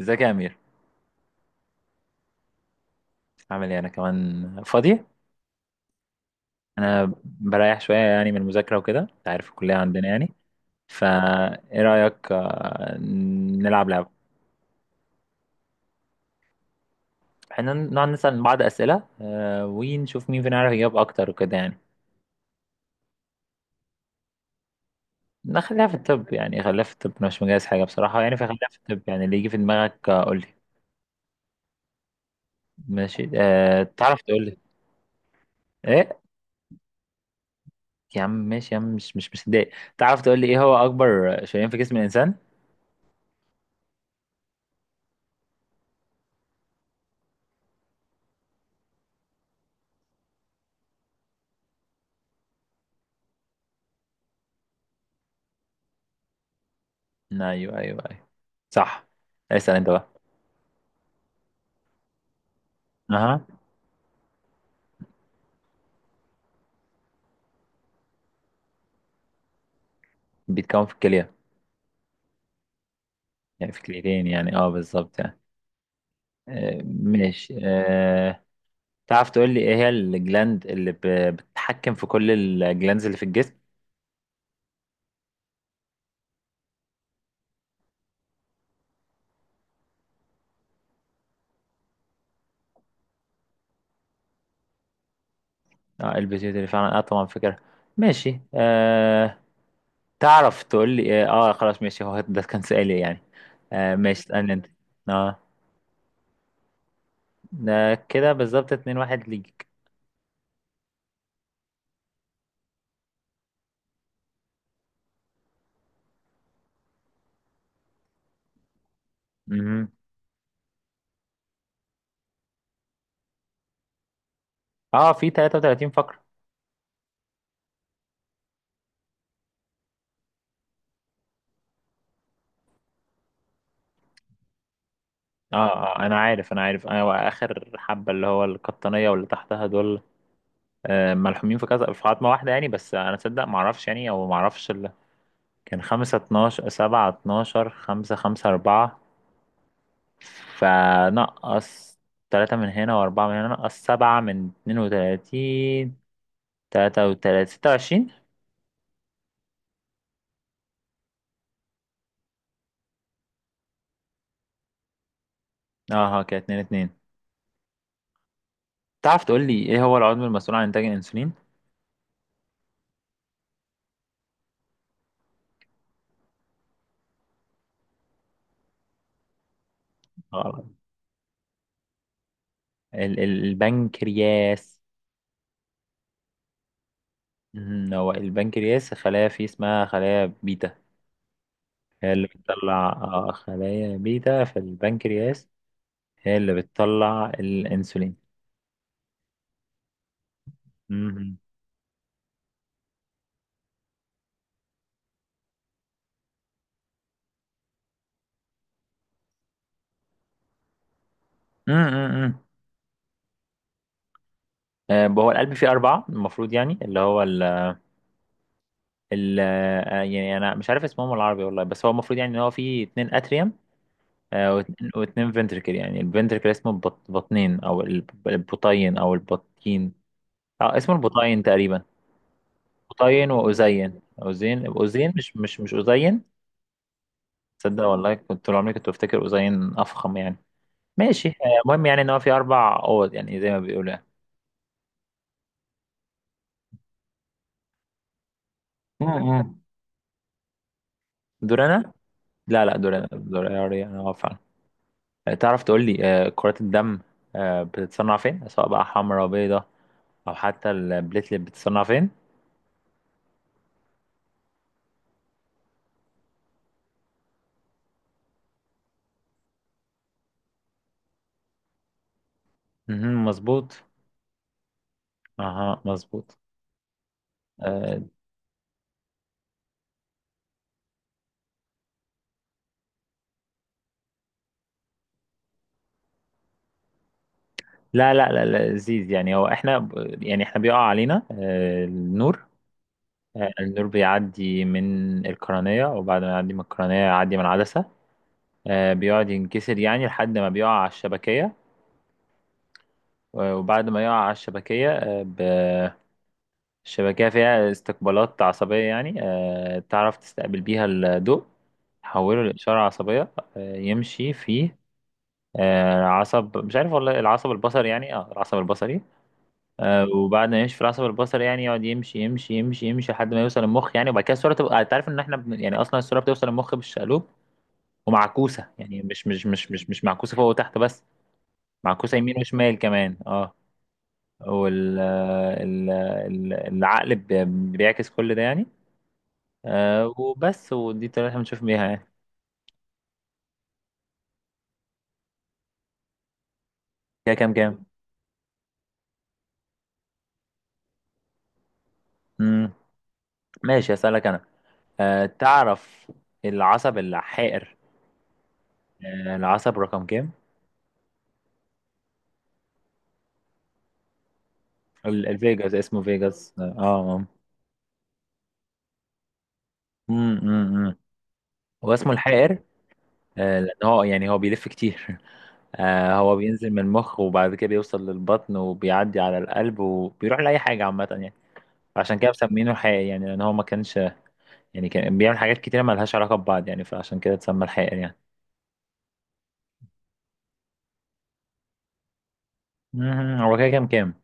ازيك يا امير؟ عامل ايه؟ انا كمان فاضي. انا بريح شويه يعني من المذاكره وكده، انت عارف الكليه عندنا يعني. فا ايه رايك؟ نلعب لعبه. احنا نقعد نسال بعض اسئله، ونشوف مين فينا يعرف يجاوب اكتر وكده يعني. نخليها في الطب يعني، خليها في الطب، انا مش مجهز حاجه بصراحه يعني، فخليها في الطب يعني اللي يجي في دماغك، قول لي. ماشي، تعرف تقول لي ايه. يا عم ماشي يا عم، مش مصدق. تعرف تقول لي ايه هو اكبر شريان في جسم الانسان؟ ايوه ايوه ايوه. صح. اسال انت بقى. اها. بيتكون في الكلية. يعني في كليتين يعني، اه بالظبط يعني. ماشي. تعرف تقول لي ايه هي الجلاند اللي بتتحكم في كل الجلاندز اللي في الجسم؟ اه البيتيوتري فعلا، اه طبعا فكرة. ماشي. تعرف تقول لي ايه، خلاص ماشي، هو ده كان سؤالي يعني. ماشي، اسألني انت. اه، ده كده بالظبط اتنين واحد ليك. مهم. اه، في 33 فقرة. اه اه، انا عارف انا عارف، انا اخر حبة اللي هو القطنية واللي تحتها دول ملحومين في كذا في عظمة واحدة يعني، بس أنا تصدق معرفش يعني، أو معرفش ال كان خمسة اتناشر سبعة اتناشر خمسة خمسة أربعة، فنقص تلاتة من هنا وأربعة من هنا، نقص سبعة من اتنين وتلاتين، تلاتة وتلاتين، ستة وعشرين. اه ها كده اتنين اتنين. تعرف تقول لي ايه هو العضو المسؤول عن إنتاج الأنسولين؟ غلط. البنكرياس. هو البنكرياس خلايا فيه اسمها خلايا بيتا، هي اللي بتطلع خلايا بيتا في البنكرياس، هي اللي بتطلع الانسولين. مهم. مم، مم، مم. هو القلب فيه أربعة المفروض يعني، اللي هو ال ال آه، يعني أنا مش عارف اسمهم العربي والله، بس هو المفروض يعني إن هو فيه اتنين أتريوم، واتنين فنتركل، يعني الفنتركل اسمه بطنين أو البطين. أه اسمه البطين تقريبا. بطين وأذين أذين أذين، مش أذين. تصدق والله كنت طول عمري كنت بفتكر أذين أفخم يعني. ماشي. المهم يعني إن هو فيه أربع أوض يعني زي ما بيقولوا يعني. مم. دور انا. لا لا، دور انا دور انا already، انا واقف فعلا. تعرف تقول لي، كرات الدم بتتصنع فين؟ سواء بقى حمراء بيضاء او حتى البليتلت بتتصنع فين؟ مهم، مظبوط. اها مظبوط. آه، لا لا لا لا، لذيذ يعني. هو احنا يعني احنا بيقع علينا النور. النور بيعدي من القرنية، وبعد ما يعدي من القرنية يعدي من العدسة، بيقعد ينكسر يعني لحد ما بيقع على الشبكية. وبعد ما يقع على الشبكية الشبكية فيها استقبالات عصبية يعني، تعرف تستقبل بيها الضوء، تحوله لإشارة عصبية. يمشي فيه عصب، مش عارف والله، العصب البصري يعني، العصب البصري. وبعد ما يمشي في العصب البصري يعني يقعد يمشي يمشي يمشي يمشي لحد ما يوصل المخ يعني. وبعد كده الصورة تبقى، انت عارف ان احنا يعني اصلا الصورة بتوصل المخ بالشقلوب ومعكوسة يعني، مش معكوسة فوق وتحت بس، معكوسة يمين وشمال كمان، اه. وال آه، ال- ال- العقل بيعكس كل ده يعني. وبس، ودي الطريقة اللي احنا بنشوف بيها يعني. كده كام كام؟ مم. ماشي، اسألك انا. تعرف العصب الحائر العصب رقم كام؟ الفيجاس، اسمه فيجاس، اه اه. مم، مم، مم. هو اسمه الحائر لان هو يعني، هو بيلف كتير هو بينزل من المخ، وبعد كده بيوصل للبطن، وبيعدي على القلب، وبيروح لأي حاجة عامة يعني. عشان كده مسمينه الحائر يعني، لان هو ما كانش يعني كان بيعمل حاجات كتيرة مالهاش علاقة ببعض يعني، فعشان كده اتسمى الحائر يعني. هو كده كام كام؟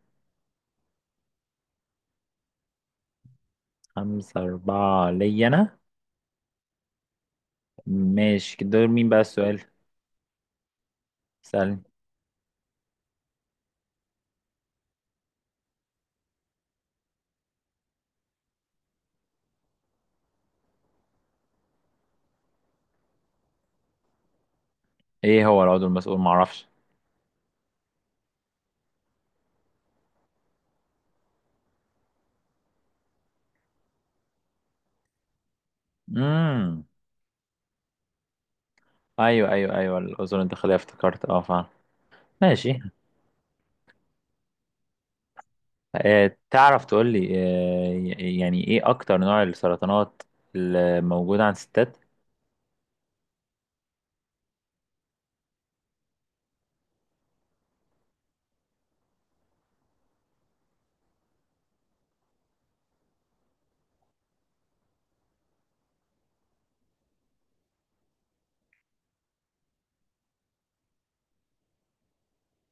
خمسة أربعة ليا أنا. ماشي، دور مين بقى السؤال؟ سألني. إيه هو العضو المسؤول؟ معرفش. مم. أيوه أيوه أيوه، الأذن الداخلية، افتكرت أه فعلا. ماشي. تعرف تقول لي، يعني إيه أكتر نوع السرطانات اللي موجودة عند الستات؟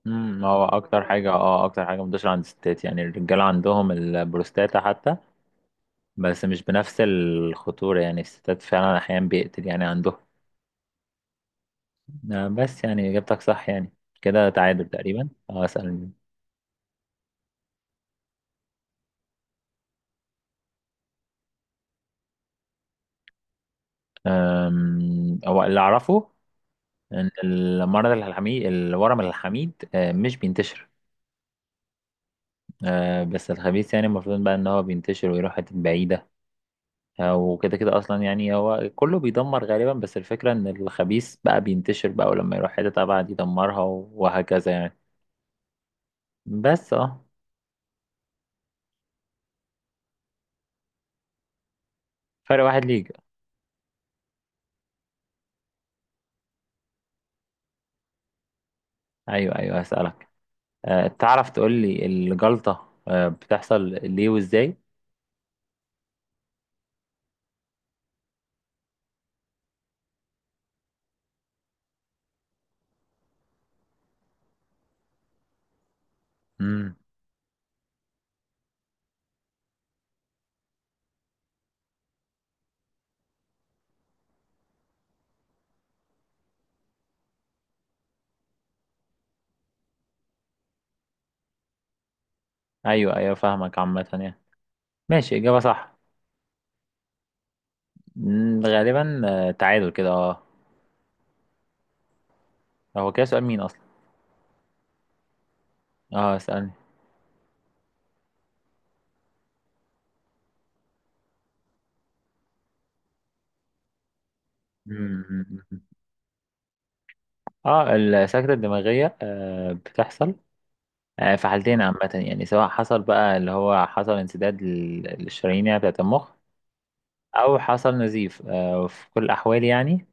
هو أكتر حاجة، منتشرة عند الستات يعني. الرجالة عندهم البروستاتا حتى، بس مش بنفس الخطورة يعني، الستات فعلا أحيانا بيقتل يعني عندهم. نعم، بس يعني إجابتك صح يعني. كده تعادل تقريبا، اه اسأل. هو اللي أعرفه إن المرض الحميد الورم الحميد مش بينتشر، بس الخبيث يعني المفروض بقى إن هو بينتشر ويروح حتت بعيدة، وكده كده أصلا يعني هو كله بيدمر غالبا، بس الفكرة إن الخبيث بقى بينتشر بقى، ولما يروح حتة أبعد يدمرها وهكذا يعني، بس اه. فرق واحد ليك. أيوه أيوه هسألك. تعرف تقول لي الجلطة بتحصل ليه وإزاي؟ مم. ايوه ايوه فاهمك عامة يعني. ماشي، اجابة صح. غالبا تعادل كده اه. هو كده سؤال مين اصلا؟ اه اسألني. مم. اه السكتة الدماغية بتحصل في حالتين عامة يعني، سواء حصل بقى اللي هو حصل انسداد للشرايين يعني بتاعة المخ، أو حصل نزيف، وفي كل الأحوال يعني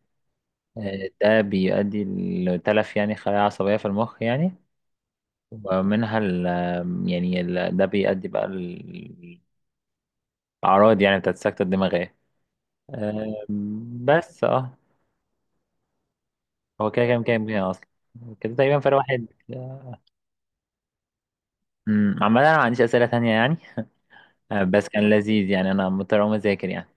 ده بيؤدي لتلف يعني خلايا عصبية في المخ يعني. ومنها ال يعني ده بيؤدي بقى الأعراض يعني بتاعة السكتة الدماغية. بس اه. هو كده كام كام كده اصلا؟ كده تقريبا فرق واحد. عامة انا ما عنديش اسئلة تانية يعني. أه، بس كان لذيذ يعني، انا مضطر اقوم اذاكر يعني.